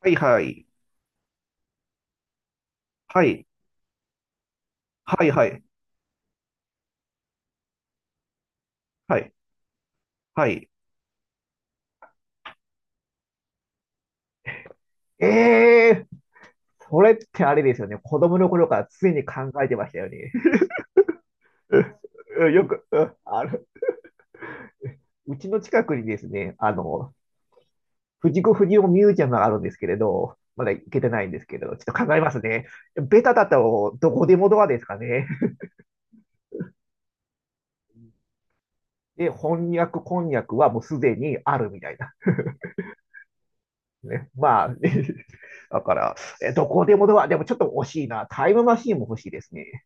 はいはい。はい。はいはい。はい。はい。ええーそれ、よく、ある、うちの近くにですね、藤子不二雄ミュージアムがあるんですけれど、まだ行けてないんですけれど、ちょっと考えますね。ベタだとどこでもドアですかね。で、翻訳、こんにゃくはもうすでにあるみたいな。ね、まあ、だから、どこでもドア、でもちょっと惜しいな。タイムマシーンも欲しいですね。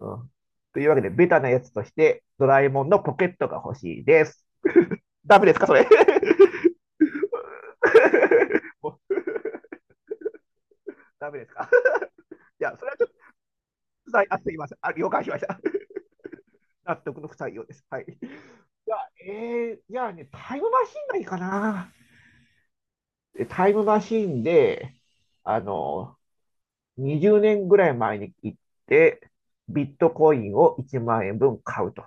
うん、というわけで、ベタなやつとして、ドラえもんのポケットが欲しいです。ダメですか、それ もうダメですか いや、それはちょっと不採用すいません。了解しました 納得の不採用です。はい。いや、えじゃあね、タイムマシンがいいかな。タイムマシンで、あの、20年ぐらい前に行って、ビットコインを1万円分買うと。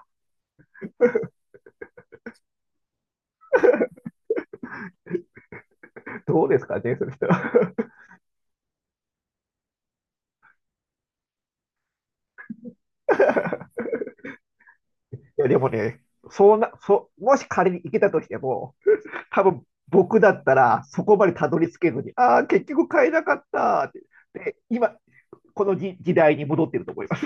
どうですかね、それ人。いや、でもね、そうな、そう、もし仮に行けたとしても、多分僕だったら、そこまでたどり着けずに、ああ、結局買えなかったって。で、今、この時代に戻ってると思います。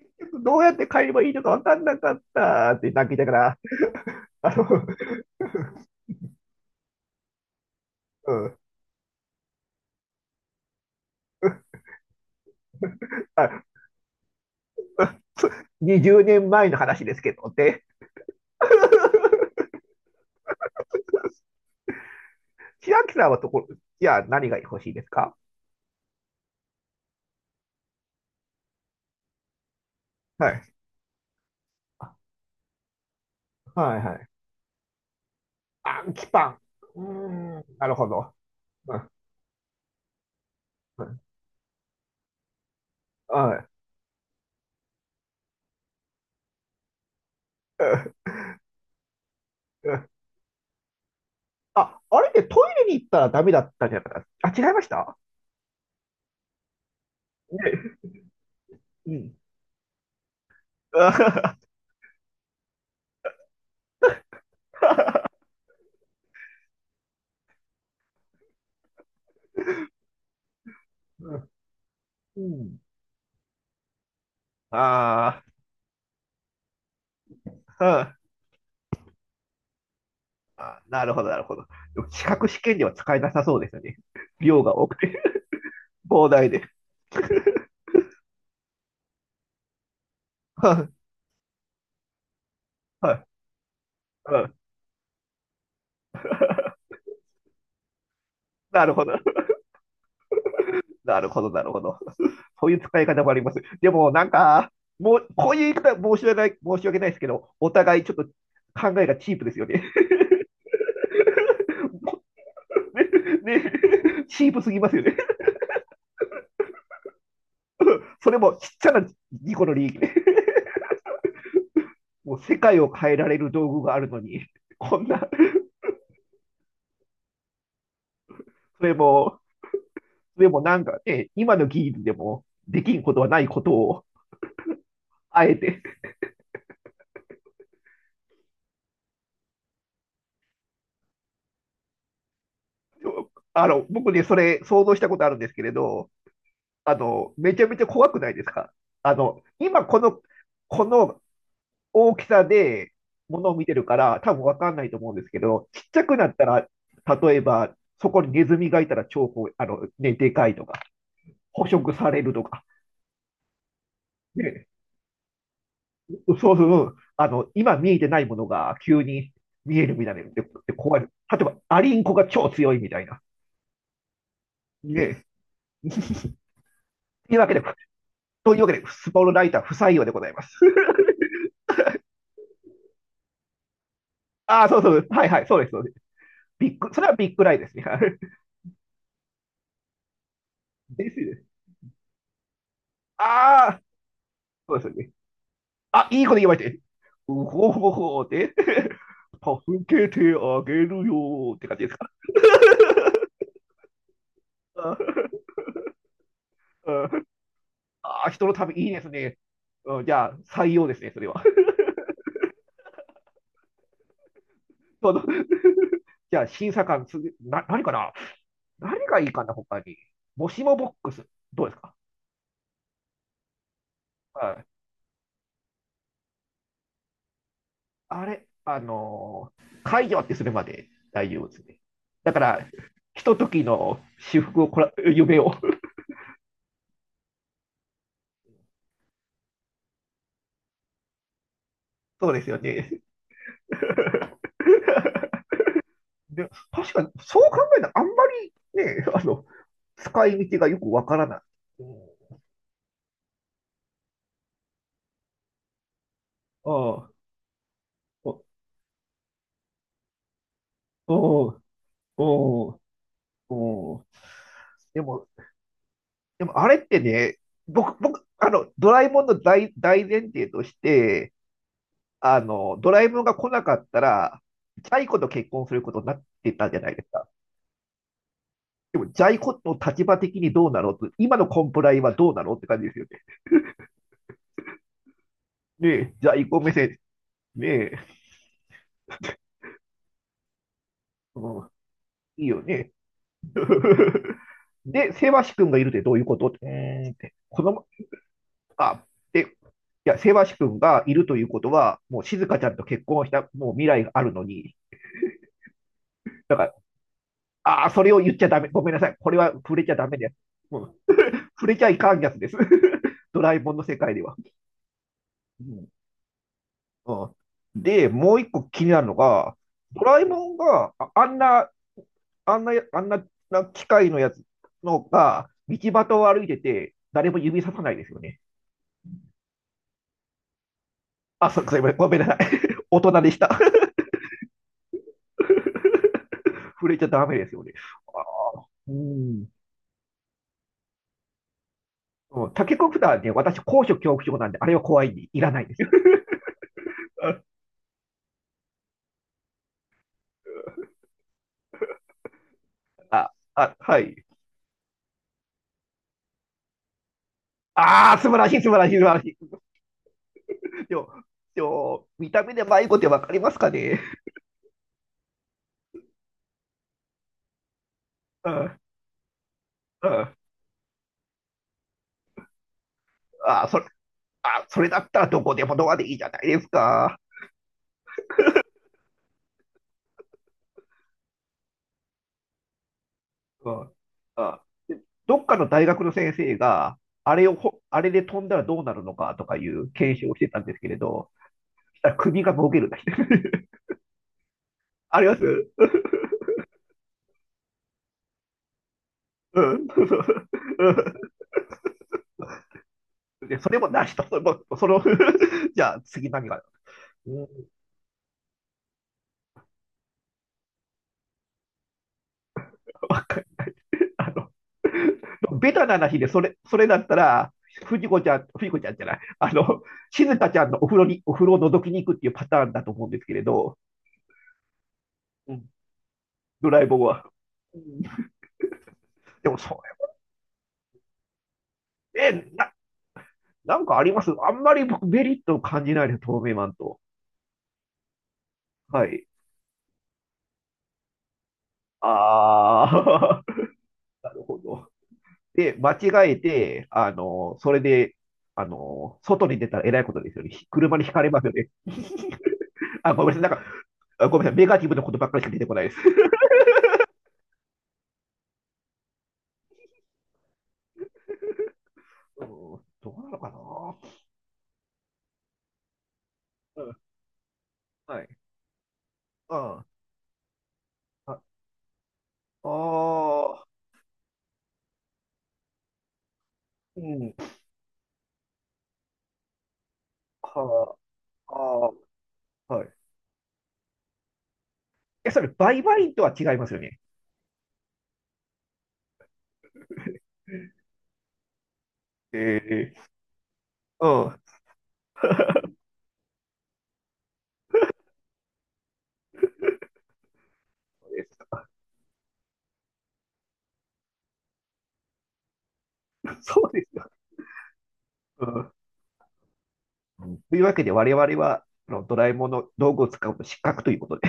どうやって買えばいいのか分かんなかったって泣きながら、あの、うん、あ20年前の話ですけどって、千秋さんはところ、じゃあ何が欲しいですか？はい。はいはい。アンキパン。うーん、なるほど。うんうんはい。うんうんあ、あれでレに行ったらダメだったんじゃなかった？違いましたね。うんうん。あーうんあ、なるほど、なるほど。でも資格試験では使えなさそうですよね。量が多くて、膨大で。はい、はい、うん。なるほど、なるほど、なるほど。そういう使い方もあります。でも、なんか、もう、こういう言い方は申し訳ない、申し訳ないですけど、お互いちょっと考えがチープですよね。ね、ね、チープすぎますよね。それもちっちゃな2個の利益ね。もう世界を変えられる道具があるのに、こんな、それもでもなんかね、今の技術でもできんことはないことを、あえて、あの、僕ね、それ想像したことあるんですけれど、あの、めちゃめちゃ怖くないですか？あの、今この、この大きさで物を見てるから、多分わかんないと思うんですけど、ちっちゃくなったら、例えば、そこにネズミがいたら超あの、ね、でかいとか、捕食されるとか、ね、そうそうそう。あの、今見えてないものが急に見えるみたいなので、で怖い。例えば、アリンコが超強いみたいな。ねえ。というわけで、というわけで、スポールライター不採用でございます。ああ、そうそう。はいはい、そうです。そうです。ビッグ、それはビッグライですね。ですよね。ああ、そうですよね。あ、いいこと言われて。うほほほで、助けてあげるよって感じですか？ああ、人のためいいですね。うんじゃあ、採用ですね、それは。その じゃあ、審査官、何かな？何がいいかな、他に。もしもボックス、どうですか？はい。あれ、あのー解除ってするまで大丈夫ですね。だから、ひとときの私服をこら、夢を。そうですよね。で、確かに、そう考えたら、あんまりね、あの、使い道がよくわからない。うん。ああ、お、おうおうおううでも、でもあれってね、僕、あの、ドラえもんの大前提として、あの、ドラえもんが来なかったら、ジャイ子と結婚することになってたじゃないですか。でも、ジャイ子の立場的にどうなのと、今のコンプライはどうなのって感じですよね。ねえ、ジャイ子目線、ねえ、うん、いいよね。で、セバシ君がいるってどういうことってうーんって、この、あ、で、いや、セバシ君がいるということは、もう静香ちゃんと結婚した、もう未来があるのに、だかああ、それを言っちゃダメ。ごめんなさい。これは触れちゃダメです。うん、触れちゃいかんやつです。ドラえもんの世界では。うんうん、で、もう一個気になるのが、ドラえもんがああんな、あんな、あんなな機械のやつのが、道端を歩いてて、誰も指ささないですよね。あ、そう、すいません。ごめんなさい。大人でした。触れちゃダメですよね。うん。うんタケコプターね、私、高所恐怖症なんで、あれは怖いにいらないですよ。あ、あ、はい。ああ、素晴らしい、素晴らしい、素晴らしい。でも、でも、見た目で迷子ってわかりますかね？うん、うん。あ、それ、あ、それだったらどこでもドアでいいじゃないですか。うん、あ、どっかの大学の先生が、あれをほ、あれで飛んだらどうなるのかとかいう検証をしてたんですけれど、したら首がもげるだけ。ありますうん。そうそうそううんで、それもなしと、それも、その じゃあ次何が、うん、あかベタな話で、それだったら、藤子ちゃん、藤子ちゃんじゃない、あの、静香ちゃんのお風呂に、お風呂を覗きに行くっていうパターンだと思うんですけれど、うんドラえもんは。うんでもそうや。なんかあります？あんまり僕メリットを感じないです、透明マンと。はい。あー、なるほど。で、間違えて、あの、それで、あの、外に出たらえらいことですよね。車にひかれますよね。あ、ごめんなさい。なんか、ごめんなさい。ネガティブなことばっかりしか出てこないです。うんどうなのかなうんはい。うん。あ、あー、うん。はあ、あーはい。え、それ、売買とは違いますよね。ええうん。そうですよ。うん。というわけで、我々は、あのドラえもんの道具を使うと失格ということで